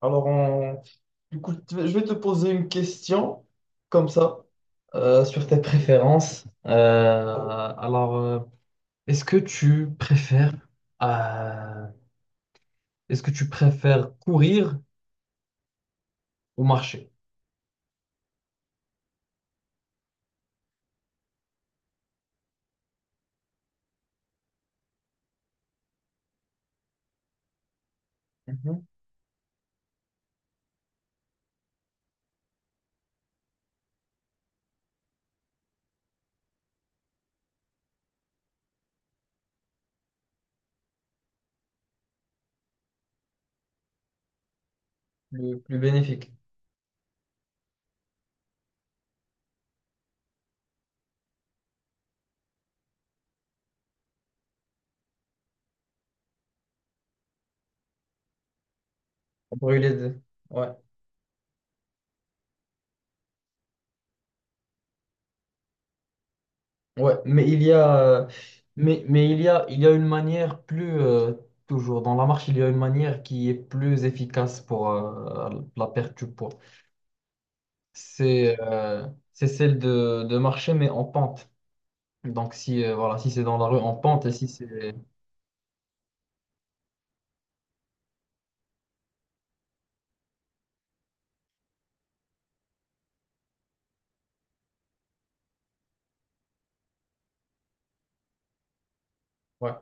Alors, je vais te poser une question comme ça sur tes préférences. Alors, euh, est-ce que tu préfères, euh, est-ce que tu préfères courir ou marcher? Mhm. Le plus bénéfique. Pour les deux. Ouais. Ouais. Mais il y a, mais il y a une manière plus toujours dans la marche, il y a une manière qui est plus efficace pour la perte du poids. c'est euh, c'est celle de marcher, mais en pente. Donc, si, voilà, si c'est dans la rue, en pente, et si c'est... Ouais,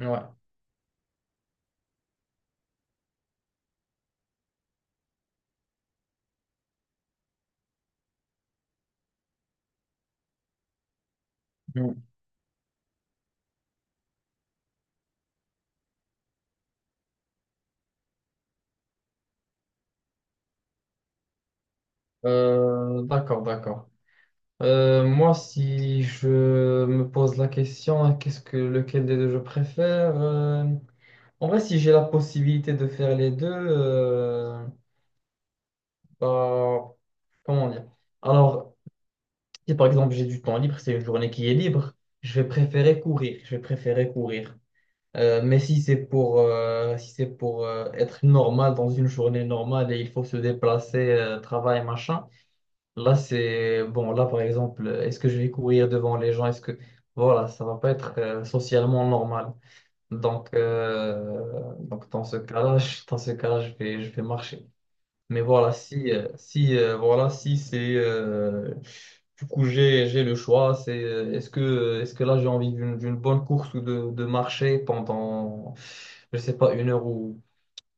ouais. Mm. D'accord, d'accord. Moi, si je me pose la question, qu'est-ce que lequel des deux je préfère? En vrai, si j'ai la possibilité de faire les deux, bah, comment dire? Alors, si par exemple j'ai du temps libre, c'est une journée qui est libre, je vais préférer courir. Je vais préférer courir. Mais si c'est si c'est pour être normal dans une journée normale et il faut se déplacer, travail, machin, là c'est bon. Là par exemple, est-ce que je vais courir devant les gens? Est-ce que Voilà, ça va pas être socialement normal. Donc dans ce cas-là, dans ce cas-là, je vais marcher. Mais voilà, si, si, voilà, si c'est... du coup, j'ai le choix. Est-ce que là, j'ai envie d'une bonne course ou de marcher pendant, je sais pas, une heure ou,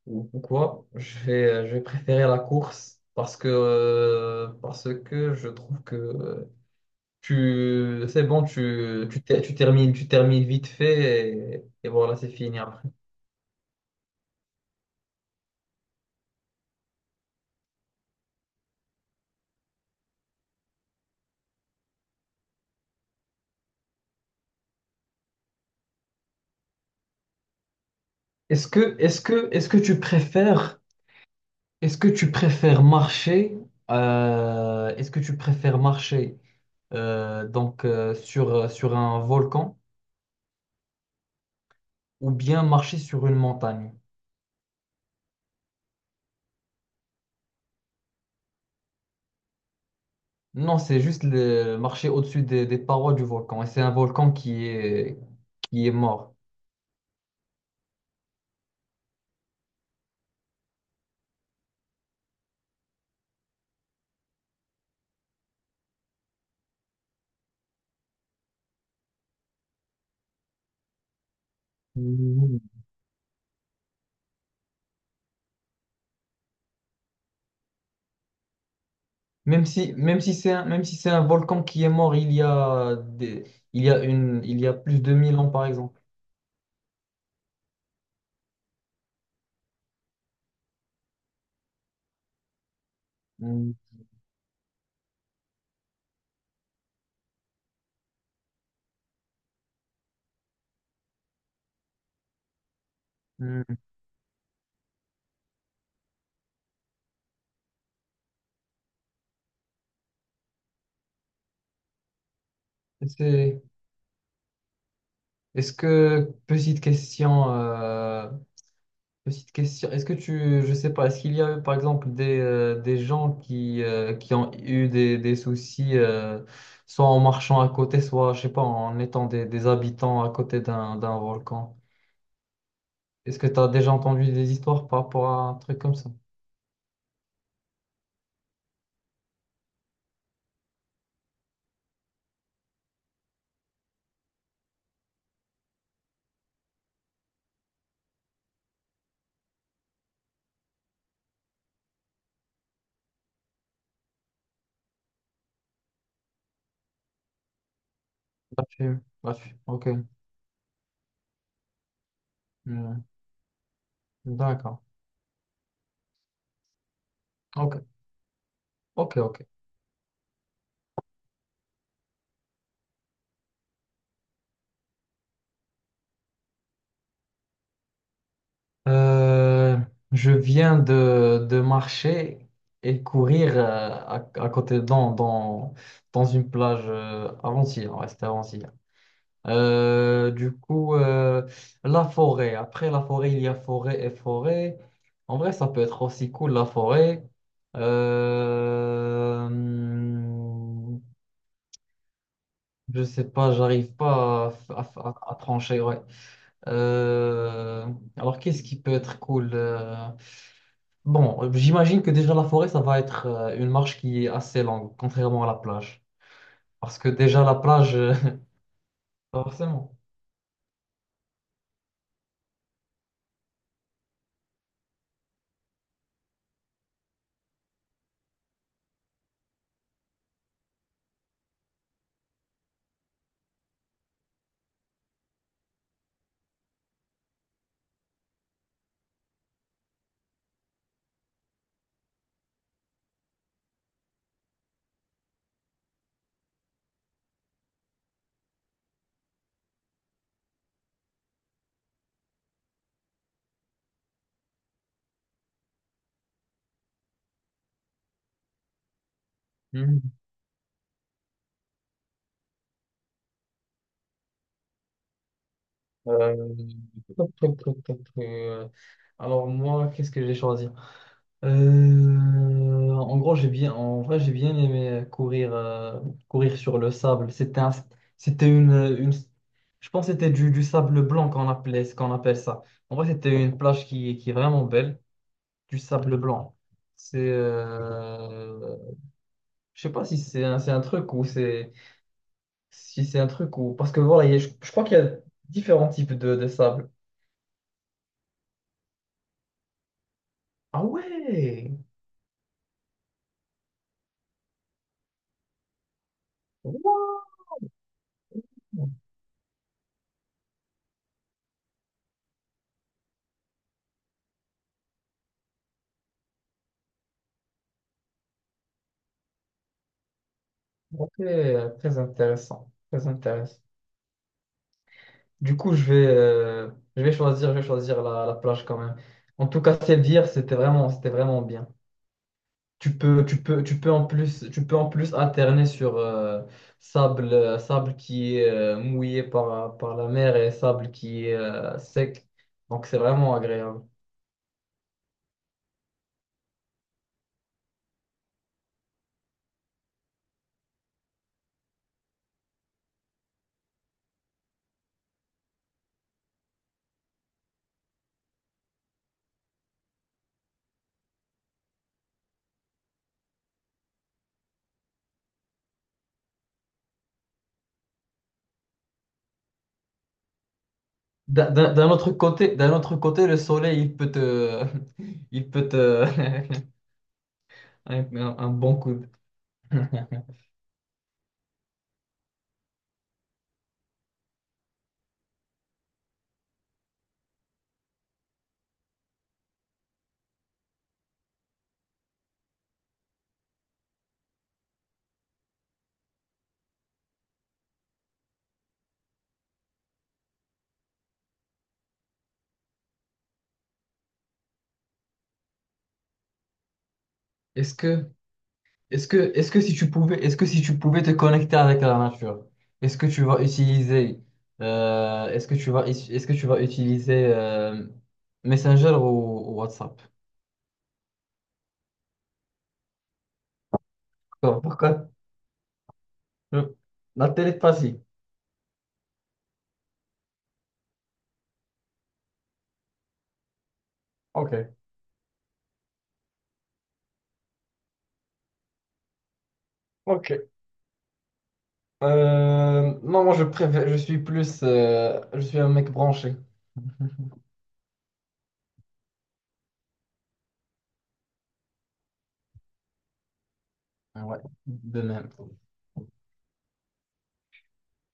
ou quoi? Je vais préférer la course parce que je trouve que c'est bon, tu termines vite fait et voilà, c'est fini après. Est-ce que tu préfères... Est-ce que tu préfères marcher, est-ce que tu préfères marcher sur un volcan ou bien marcher sur une montagne? Non, c'est juste marcher au-dessus des parois du volcan. Et c'est un volcan qui est mort. Mhm. Même si c'est un, même si c'est un volcan qui est mort il y a des, il y a une, il y a plus de mille ans, par exemple. Mhm. Hmm. C'est- Petite question, petite question, est-ce que tu, je sais pas, est-ce qu'il y a eu par exemple des gens qui ont eu des soucis, soit en marchant à côté, soit, je sais pas, en étant des habitants à côté d'un volcan? Est-ce que tu as déjà entendu des histoires par rapport à un truc comme ça? La fume, ok. Hmm. D'accord. Ok, ok, ok. Euh, je viens de marcher et courir à côté dans une plage avant-hier, ouais, c'était avant-hier. Euh, du coup, euh, la forêt. Après la forêt, il y a forêt et forêt. En vrai, ça peut être aussi cool, la forêt. Euh, hum, je sais pas, j'arrive pas à, à trancher, ouais. Euh, Qu'est-ce qui peut être cool? J'imagine que déjà la forêt, ça va être une marche qui est assez longue, contrairement à la plage. Parce que déjà la plage, pas forcément. Mhm. Euh, Toc, toc, toc, toc, toc. Alors moi, qu'est-ce que j'ai choisi? En gros, j'ai bien, en vrai, j'ai bien aimé courir, courir sur le sable. C'était un- c'était une, Je pense que c'était du sable blanc qu'on appelait, ce qu'on appelle ça. En vrai, c'était une plage qui est vraiment belle. Du sable blanc. C'est, euh, je sais pas si c'est un, c'est un truc ou c'est, si c'est un truc ou parce que voilà, il y a- je crois qu'il y a différents types de sable. Ah ouais. Wow. Ok, très intéressant, très intéressant. Du coup, je vais, euh, je vais choisir la plage quand même. En tout cas, celle d'hier, c'était vraiment bien. Tu peux en plus, tu peux en plus alterner sur sable qui est mouillé par la mer et sable qui est sec. Donc c'est vraiment agréable. D'un autre côté, le soleil, il peut te, il peut te, bon coup. Est-ce que, Est-ce que si tu pouvais, est-ce que si tu pouvais te connecter avec la nature, est-ce que tu vas utiliser, est-ce que tu vas, is- est-ce que tu vas utiliser Messenger ou WhatsApp? Pourquoi? Je- La télépathie. Ok. Ok. Non, moi je préfère, je suis plus, je suis un mec branché. Ouais, de même.